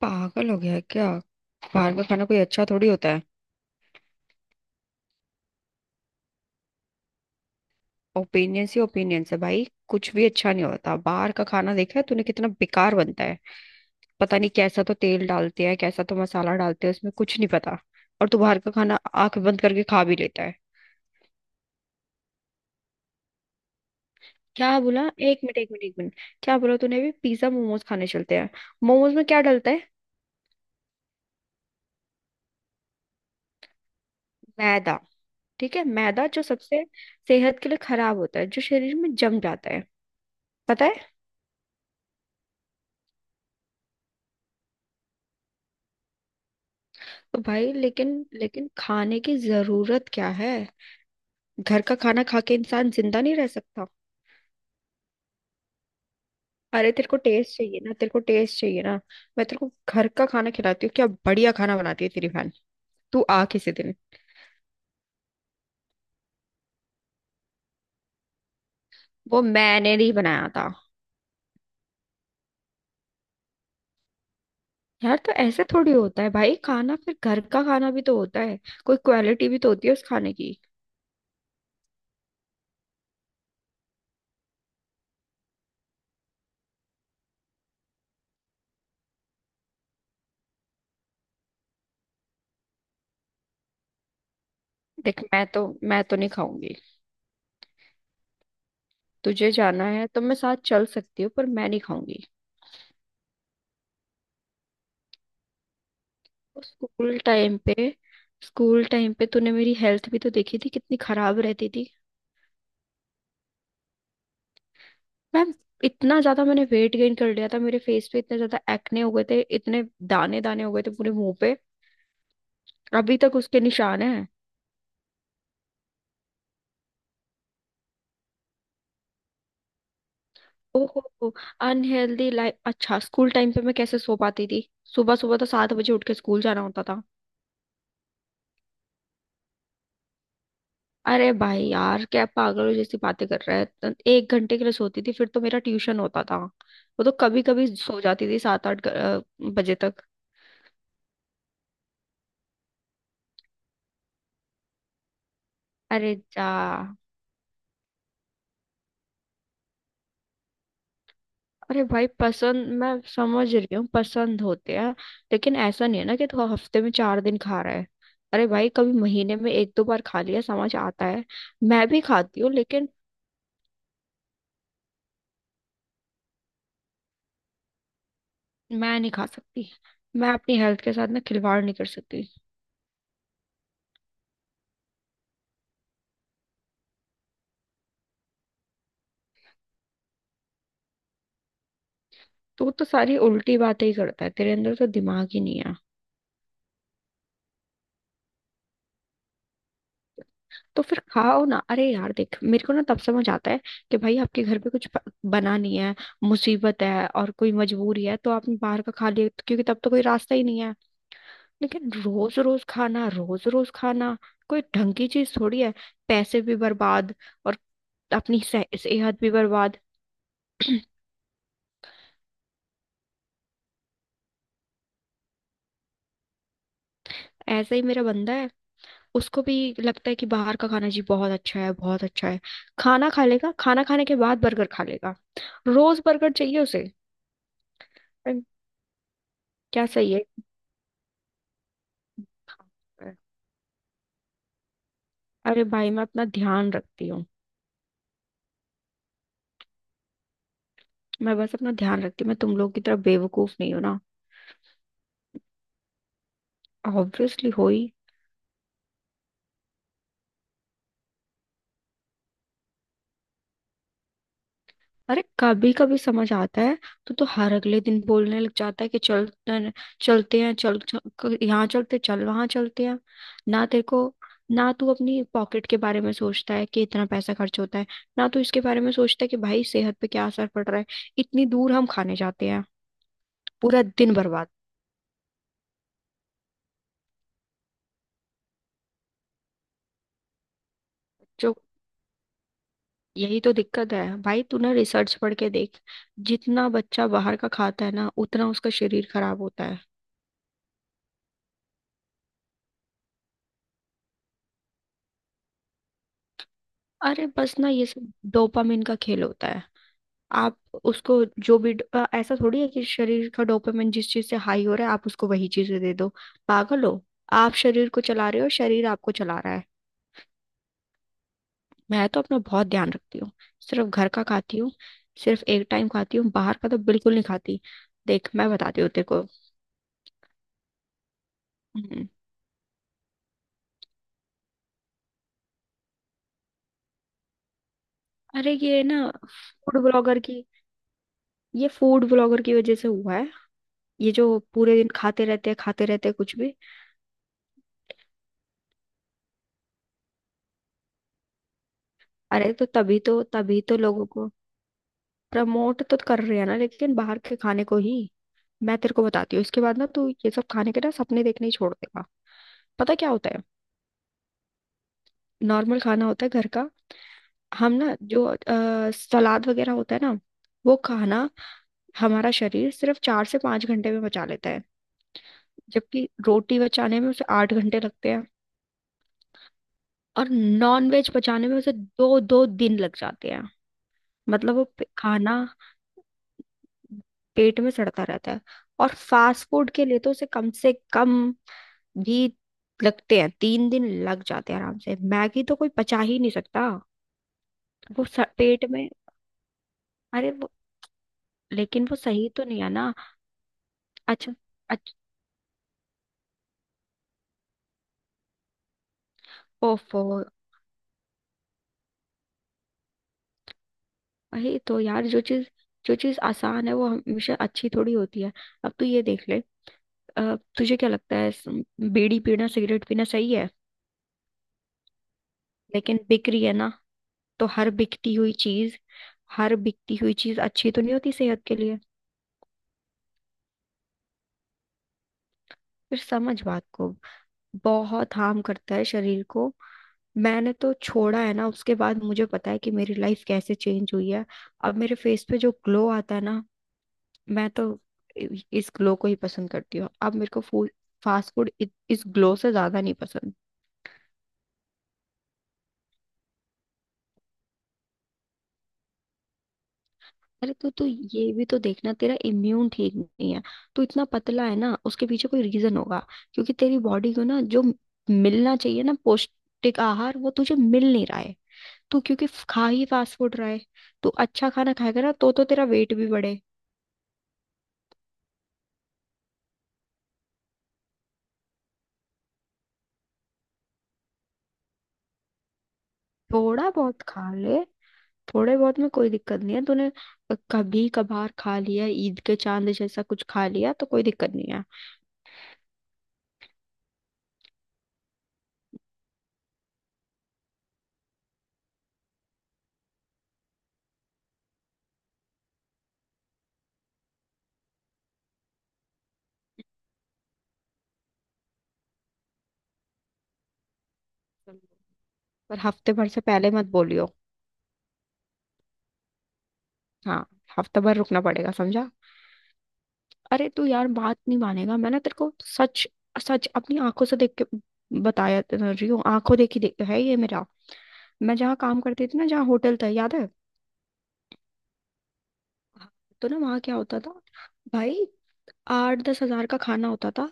पागल हो गया है क्या। बाहर का खाना कोई अच्छा थोड़ी होता है। ओपिनियंस ही ओपिनियंस है भाई, कुछ भी अच्छा नहीं होता। बाहर का खाना देखा है तूने, कितना बेकार बनता है। पता नहीं कैसा तो तेल डालते हैं, कैसा तो मसाला डालते हैं, उसमें कुछ नहीं पता। और तू बाहर का खाना आंख बंद करके खा भी लेता है। क्या बोला। एक मिनट एक मिनट एक मिनट। क्या बोला तूने, भी पिज्जा मोमोज खाने चलते हैं। मोमोज में क्या डलता है। मैदा। ठीक है, मैदा जो सबसे सेहत के लिए खराब होता है, जो शरीर में जम जाता है, पता है। तो भाई लेकिन लेकिन खाने की जरूरत क्या है। घर का खाना खा के इंसान जिंदा नहीं रह सकता। अरे तेरे को टेस्ट चाहिए ना, तेरे को टेस्ट चाहिए ना। मैं तेरे को घर का खाना खिलाती हूँ, क्या बढ़िया खाना बनाती है तेरी बहन। तू आ किसी दिन। वो मैंने नहीं बनाया था। यार तो ऐसे थोड़ी होता है भाई खाना, फिर घर का खाना भी तो होता है, कोई क्वालिटी भी तो होती है उस खाने की। देख, मैं तो नहीं खाऊंगी। तुझे जाना है तो मैं साथ चल सकती हूँ, पर मैं नहीं खाऊंगी। स्कूल टाइम पे, स्कूल टाइम पे तूने मेरी हेल्थ भी तो देखी थी, कितनी खराब रहती थी। मैम, इतना ज्यादा मैंने वेट गेन कर लिया था, मेरे फेस पे इतने ज्यादा एक्ने हो गए थे, इतने दाने दाने हो गए थे पूरे मुंह पे। अभी तक उसके निशान है। ओहो। Unhealthy life. अच्छा, स्कूल टाइम पे मैं कैसे सो पाती थी, सुबह सुबह तो 7 बजे उठ के स्कूल जाना होता था। अरे भाई यार क्या पागलों जैसी बातें कर रहा है, तो 1 घंटे के लिए सोती थी, फिर तो मेरा ट्यूशन होता था, वो तो कभी कभी सो जाती थी सात आठ बजे तक। अरे जा। अरे भाई पसंद, मैं समझ रही हूँ पसंद होते हैं, लेकिन ऐसा नहीं है ना कि तू हफ्ते में 4 दिन खा रहा है। अरे भाई कभी महीने में एक दो बार खा लिया समझ आता है, मैं भी खाती हूँ लेकिन। मैं नहीं खा सकती, मैं अपनी हेल्थ के साथ ना खिलवाड़ नहीं कर सकती। तू तो सारी उल्टी बातें ही करता है, तेरे अंदर तो दिमाग ही नहीं है। तो फिर खाओ ना। अरे यार देख, मेरे को ना तब समझ आता है कि भाई आपके घर पे कुछ बना नहीं है, मुसीबत है और कोई मजबूरी है, तो आपने बाहर का खा लिया, क्योंकि तब तो कोई रास्ता ही नहीं है। लेकिन रोज रोज खाना, रोज रोज खाना, कोई ढंग की चीज थोड़ी है। पैसे भी बर्बाद, और अपनी सेहत भी बर्बाद। ऐसा ही मेरा बंदा है, उसको भी लगता है कि बाहर का खाना जी बहुत अच्छा है बहुत अच्छा है। खाना खा लेगा, खाना खाने के बाद बर्गर खा लेगा। रोज बर्गर चाहिए उसे। अरे, क्या सही है। अरे भाई मैं अपना ध्यान रखती हूँ। मैं बस अपना ध्यान रखती हूँ, मैं तुम लोग की तरह बेवकूफ नहीं हूँ ना। ऑब्वियसली हो ही। अरे कभी कभी समझ आता है तो हर अगले दिन बोलने लग जाता है कि चल न- चलते हैं, चल, यहाँ चलते, चल वहां चलते हैं। ना तेरे को, ना तू अपनी पॉकेट के बारे में सोचता है कि इतना पैसा खर्च होता है, ना तू इसके बारे में सोचता है कि भाई सेहत पे क्या असर पड़ रहा है। इतनी दूर हम खाने जाते हैं, पूरा दिन बर्बाद। जो, यही तो दिक्कत है भाई, तूने रिसर्च पढ़ के देख, जितना बच्चा बाहर का खाता है ना उतना उसका शरीर खराब होता है। अरे बस ना, ये सब डोपामिन का खेल होता है। आप उसको जो भी ऐसा थोड़ी है कि शरीर का डोपामिन जिस चीज से हाई हो रहा है आप उसको वही चीजें दे दो, पागल हो। आप शरीर को चला रहे हो, शरीर आपको चला रहा है। मैं तो अपना बहुत ध्यान रखती हूँ, सिर्फ घर का खाती हूँ, सिर्फ एक टाइम खाती हूँ, बाहर का तो बिल्कुल नहीं खाती। देख मैं बताती हूँ तेरे को। हम्म, अरे ये ना फूड ब्लॉगर की, ये फूड ब्लॉगर की वजह से हुआ है। ये जो पूरे दिन खाते रहते हैं कुछ भी। अरे तो तभी तो लोगों को प्रमोट तो कर रहे हैं ना, लेकिन बाहर के खाने को ही। मैं तेरे को बताती हूँ, इसके बाद ना तू ये सब खाने के ना सपने देखने ही छोड़ देगा। पता क्या होता है, नॉर्मल खाना होता है घर का। हम ना जो सलाद वगैरह होता है ना, वो खाना हमारा शरीर सिर्फ 4 से 5 घंटे में पचा लेता है। जबकि रोटी बचाने में उसे 8 घंटे लगते हैं, और नॉन वेज पचाने में उसे दो दो दिन लग जाते हैं, मतलब वो खाना पेट में सड़ता रहता है। और फास्ट फूड के लिए तो उसे कम से कम भी लगते हैं, 3 दिन लग जाते हैं आराम से। मैगी तो कोई पचा ही नहीं सकता, वो पेट में। अरे वो, लेकिन वो सही तो नहीं है ना। अच्छा। अच्छा। ओफो। वही तो यार, जो चीज आसान है वो हमेशा अच्छी थोड़ी होती है। अब तू ये देख ले, तुझे क्या लगता है बीड़ी पीना सिगरेट पीना सही है, लेकिन बिक रही है ना। तो हर बिकती हुई चीज, हर बिकती हुई चीज अच्छी तो नहीं होती सेहत के लिए। फिर समझ बात को, बहुत हार्म करता है शरीर को। मैंने तो छोड़ा है ना, उसके बाद मुझे पता है कि मेरी लाइफ कैसे चेंज हुई है। अब मेरे फेस पे जो ग्लो आता है ना, मैं तो इस ग्लो को ही पसंद करती हूँ। अब मेरे को फूड फास्ट फूड इस ग्लो से ज्यादा नहीं पसंद। अरे तो तू ये भी तो देखना, तेरा इम्यून ठीक नहीं है। तू इतना पतला है ना, उसके पीछे कोई रीजन होगा, क्योंकि तेरी बॉडी को ना जो मिलना चाहिए ना पौष्टिक आहार, वो तुझे मिल नहीं रहा है। तू क्योंकि खा ही फास्ट फूड रहा है। तू अच्छा खाना खाएगा ना तो तेरा वेट भी बढ़े। थोड़ा बहुत खा ले, थोड़े बहुत में कोई दिक्कत नहीं है। तूने कभी कभार खा लिया ईद के चांद जैसा कुछ खा लिया तो कोई दिक्कत नहीं है। पर हफ्ते भर से पहले मत बोलियो। हाँ। हफ्ते भर रुकना पड़ेगा, समझा। अरे तू यार बात नहीं मानेगा, मैंने तेरे को सच सच अपनी आंखों से देख के बताया तो रही हूँ, आंखों देखी देख है ये मेरा। मैं जहाँ काम करती थी ना, जहाँ होटल था याद है, तो ना वहाँ क्या होता था भाई, 8-10 हजार का खाना होता था,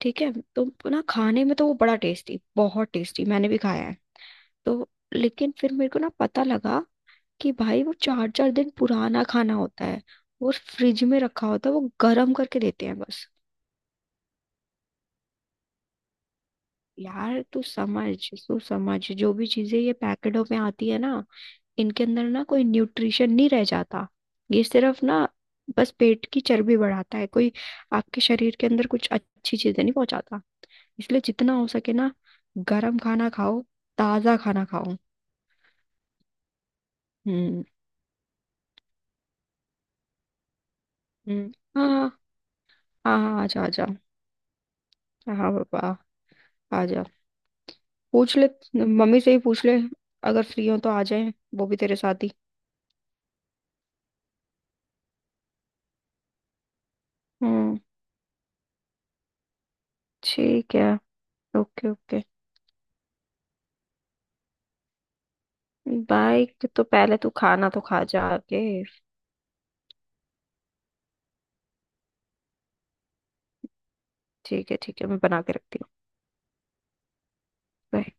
ठीक है। तो ना खाने में तो वो बड़ा टेस्टी, बहुत टेस्टी, मैंने भी खाया है तो। लेकिन फिर मेरे को ना पता लगा कि भाई वो चार चार दिन पुराना खाना होता है, वो फ्रिज में रखा होता है, वो गर्म करके देते हैं बस। यार तू समझ जो भी चीजें ये पैकेटों में आती है ना, इनके अंदर ना कोई न्यूट्रिशन नहीं रह जाता। ये सिर्फ ना बस पेट की चर्बी बढ़ाता है, कोई आपके शरीर के अंदर कुछ अच्छी चीजें नहीं पहुंचाता। इसलिए जितना हो सके ना गरम खाना खाओ, ताजा खाना खाओ। हम्म। हम्म। हाँ। हाँ। हाँ, आजा आजा। हाँ पापा, आजा। पूछ ले, मम्मी से ही पूछ ले, अगर फ्री हो तो आ जाए, वो भी तेरे साथ ही। हम्म। ठीक है। Okay okay. बाइक तो पहले, तू खाना तो खा जा के। ठीक है ठीक है, मैं बना के रखती हूँ। Bye.